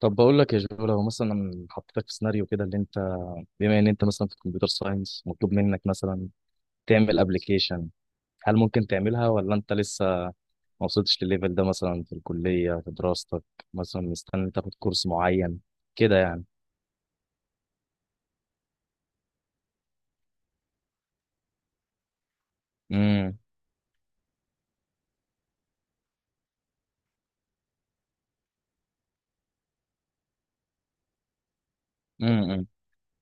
طب بقول لك يا جو، لو مثلا حطيتك في سيناريو كده. اللي انت بما ان انت مثلا في الكمبيوتر ساينس، مطلوب منك مثلا تعمل ابلكيشن. هل ممكن تعملها ولا انت لسه ما وصلتش للليفل ده مثلا في الكلية في دراستك؟ مثلا مستني تاخد كورس معين كده، يعني. امم. امم.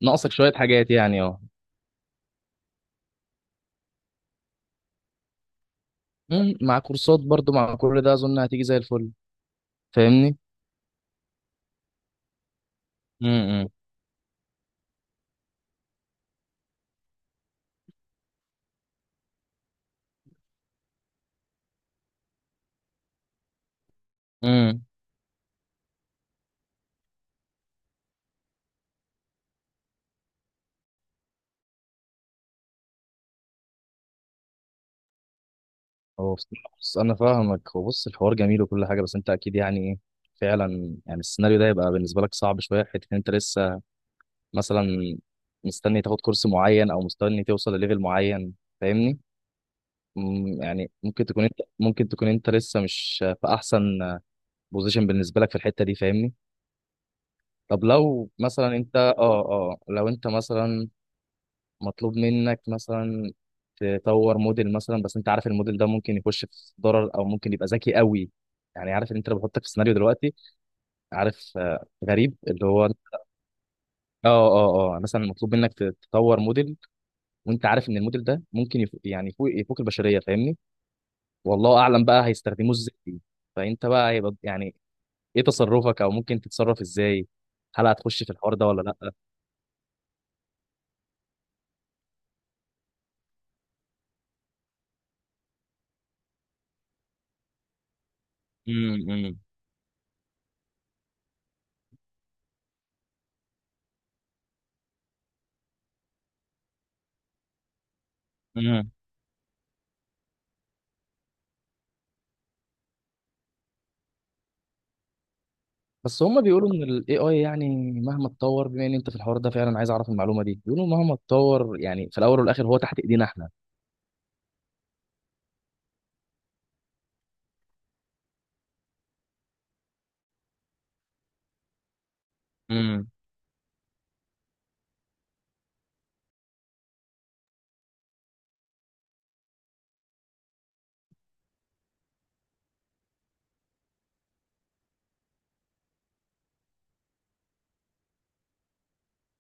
ناقصك شوية حاجات، يعني. اه. مم، مع كورسات برضو، مع كل ده اظن هتيجي زي الفل. فاهمني؟ امم. هو بصراحة، بص، أنا فاهمك. هو بص، الحوار جميل وكل حاجة، بس أنت أكيد يعني إيه؟ فعلا يعني السيناريو ده يبقى بالنسبة لك صعب شوية، حتة إن أنت لسه مثلا مستني تاخد كورس معين أو مستني توصل لليفل معين. فاهمني؟ مم، يعني ممكن تكون أنت لسه مش في أحسن بوزيشن بالنسبة لك في الحتة دي. فاهمني؟ طب لو مثلا أنت أه أه لو أنت مثلا مطلوب منك مثلا تطور موديل مثلا، بس انت عارف الموديل ده ممكن يخش في ضرر او ممكن يبقى ذكي قوي. يعني عارف ان انت لو بحطك في سيناريو دلوقتي. عارف، آه. غريب اللي هو مثلا مطلوب منك تطور موديل. وانت عارف ان الموديل ده ممكن يعني يفوق البشريه. فاهمني؟ والله اعلم بقى هيستخدموه ازاي. فانت بقى يعني، ايه تصرفك او ممكن تتصرف ازاي؟ هل هتخش في الحوار ده ولا لا؟ امم. بس هما بيقولوا ان الاي اي، يعني مهما اتطور. بما ان انت في الحوار ده فعلا عايز اعرف المعلومه دي، بيقولوا مهما اتطور يعني في الاول والاخر هو تحت ايدينا احنا. امم.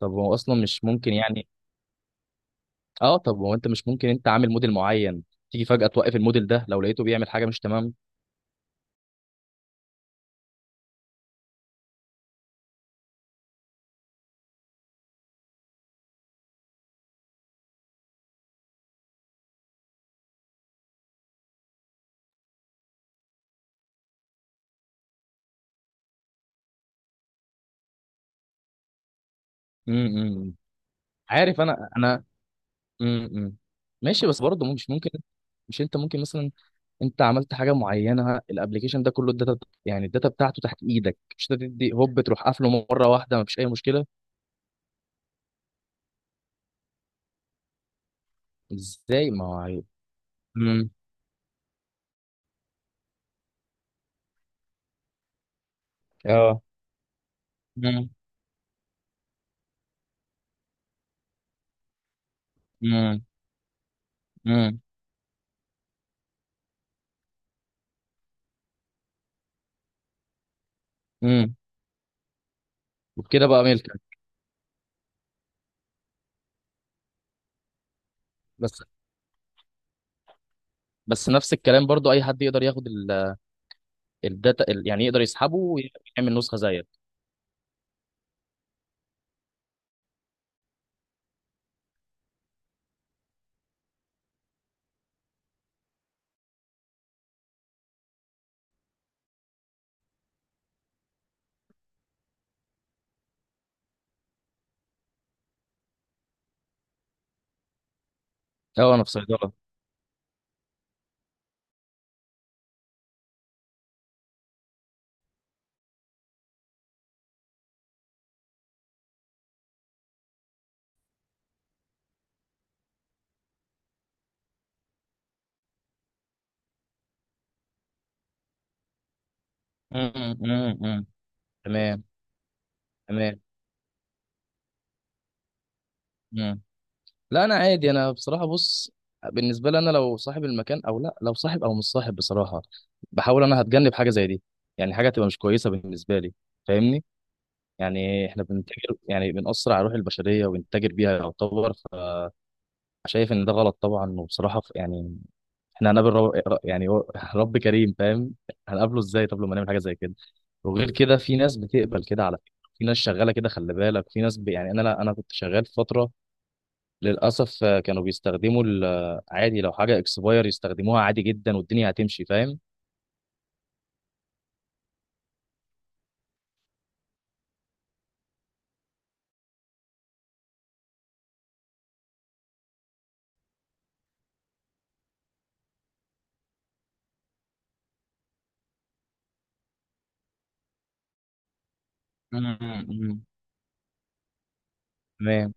طب هو اصلا مش ممكن، يعني. اه، طب هو انت مش ممكن انت عامل موديل معين تيجي فجاه توقف الموديل ده لو لقيته بيعمل حاجه مش تمام؟ امم. عارف، انا. امم. ماشي، بس برضه مش ممكن؟ مش انت ممكن مثلا انت عملت حاجه معينه، الابليكيشن ده كله الداتا. يعني الداتا بتاعته تحت ايدك. مش انت تدي هوب تروح قافله مره واحده، مفيش اي مشكله؟ ازاي؟ ما هو. امم. اه. امم. امم. امم. امم. وبكده بقى ملكك. بس بس نفس الكلام برضو، اي حد يقدر ياخد الداتا يعني يقدر يسحبه ويعمل نسخه زيك. اه، انا في صيدله. امم. امم. امم. تمام. تمام. امم. لا، انا عادي. انا بصراحه، بص. بالنسبه لي، انا لو صاحب المكان او لا، لو صاحب او مش صاحب بصراحه، بحاول انا هتجنب حاجه زي دي. يعني حاجه تبقى مش كويسه بالنسبه لي. فاهمني؟ يعني احنا بنتاجر، يعني بنأثر على روح البشريه ونتاجر بيها يعتبر. شايف ان ده غلط طبعا، وبصراحه، يعني احنا هنقابل رب. يعني رب كريم. فاهم؟ هنقابله ازاي طب لما نعمل حاجه زي كده؟ وغير كده في ناس بتقبل كده على فكره. في ناس شغاله كده، خلي بالك. في ناس يعني انا، لا انا كنت شغال في فتره. للاسف، آه. كانوا بيستخدموا عادي، لو حاجه اكسباير يستخدموها عادي جدا والدنيا هتمشي. فاهم؟ امم. تمام.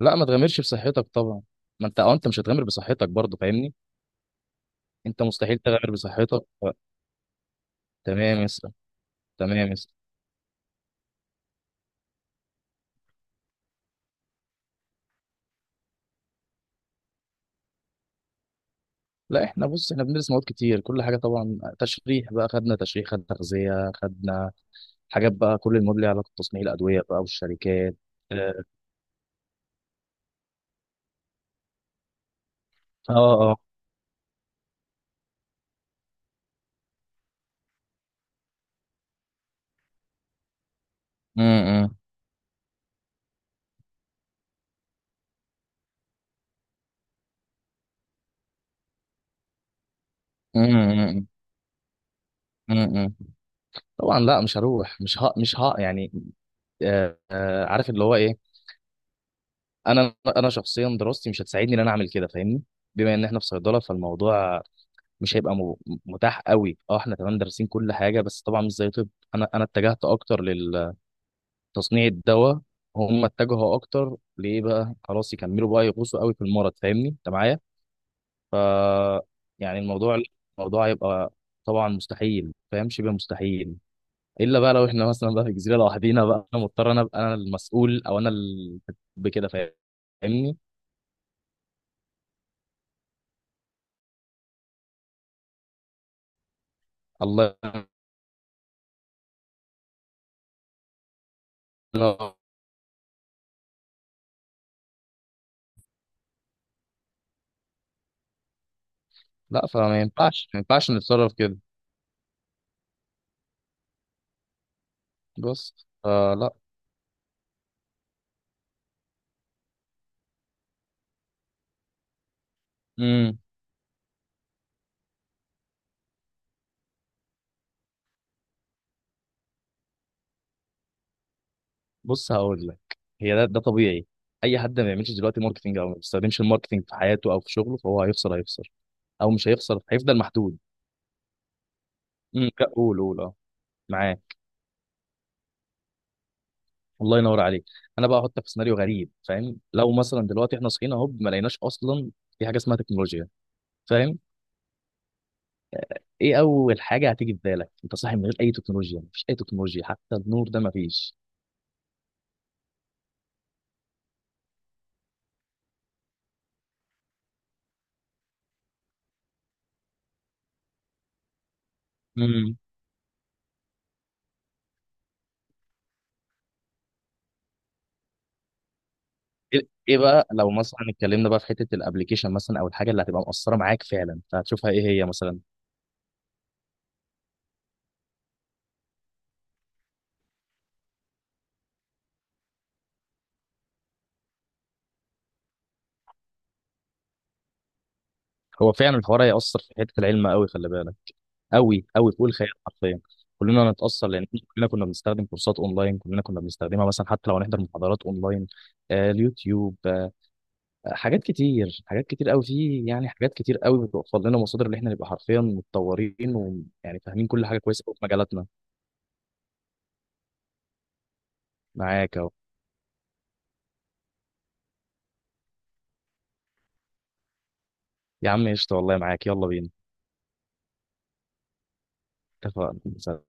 لا، ما تغامرش بصحتك طبعا. ما انت مش هتغامر بصحتك برضه. فاهمني؟ انت مستحيل تغامر بصحتك. تمام يا اسطى. تمام يا اسطى. لا، احنا بص، احنا بندرس مواد كتير، كل حاجه طبعا. تشريح بقى خدنا، تشريح خدنا، تغذيه خدنا حاجات بقى. كل المواد ليها علاقه بتصنيع الادويه بقى، والشركات. اه. اه. امم. امم. امم. طبعا لا، مش هروح. مش ها مش ها يعني. عارف اللي هو ايه. انا شخصيا دراستي مش هتساعدني ان انا اعمل كده. فاهمني؟ بما ان احنا في صيدله، فالموضوع مش هيبقى متاح قوي. اه، احنا تمام دارسين كل حاجه، بس طبعا مش زي طب. انا اتجهت اكتر لل تصنيع الدواء. هم اتجهوا اكتر ليه بقى، خلاص يكملوا بقى يغوصوا قوي في المرض. فاهمني انت معايا؟ ف، يعني الموضوع هيبقى طبعا مستحيل، فاهم؟ شبه مستحيل. الا بقى لو احنا مثلا بقى في جزيره لوحدينا بقى، انا مضطر، انا ابقى انا المسؤول، او انا بكده. فاهمني؟ الله ينور. لا، فما ينفعش ما ينفعش نتصرف كده. بص، فلا. بص، هقول لك هي ده طبيعي. اي حد ما بيعملش دلوقتي ماركتنج، او ما بيستخدمش الماركتنج في حياته او في شغله، فهو هيخسر. هيخسر، او مش هيخسر، هيفضل محدود. امم. قول، قول، اه. معاه. الله ينور عليك. انا بقى احطك في سيناريو غريب، فاهم؟ لو مثلا دلوقتي احنا صحينا اهو، ما لقيناش اصلا في حاجه اسمها تكنولوجيا. فاهم؟ ايه اول حاجه هتيجي في بالك، انت صاحي من غير اي تكنولوجيا؟ مفيش اي تكنولوجيا، حتى النور ده مفيش. امم. ايه إيه بقى، لو مثلا اتكلمنا بقى في حته الابليكيشن مثلا، او الحاجه اللي هتبقى مؤثره معاك فعلا، فهتشوفها ايه هي مثلا؟ هو فعلا الحوار هيأثر في حتة العلم قوي، خلي بالك. قوي قوي، فوق الخيال حرفيا. كلنا هنتأثر، لأن كلنا كنا بنستخدم كورسات أونلاين. كلنا كنا بنستخدمها مثلا، حتى لو هنحضر محاضرات أونلاين. آه، اليوتيوب، آه. حاجات كتير، حاجات كتير قوي في، يعني، حاجات كتير قوي بتوفر لنا مصادر اللي احنا نبقى حرفيا متطورين، ويعني فاهمين كل حاجة كويسة قوي في مجالاتنا. معاك أهو. يا عم قشطة والله، معاك، يلا بينا. اتفقنا، سلام.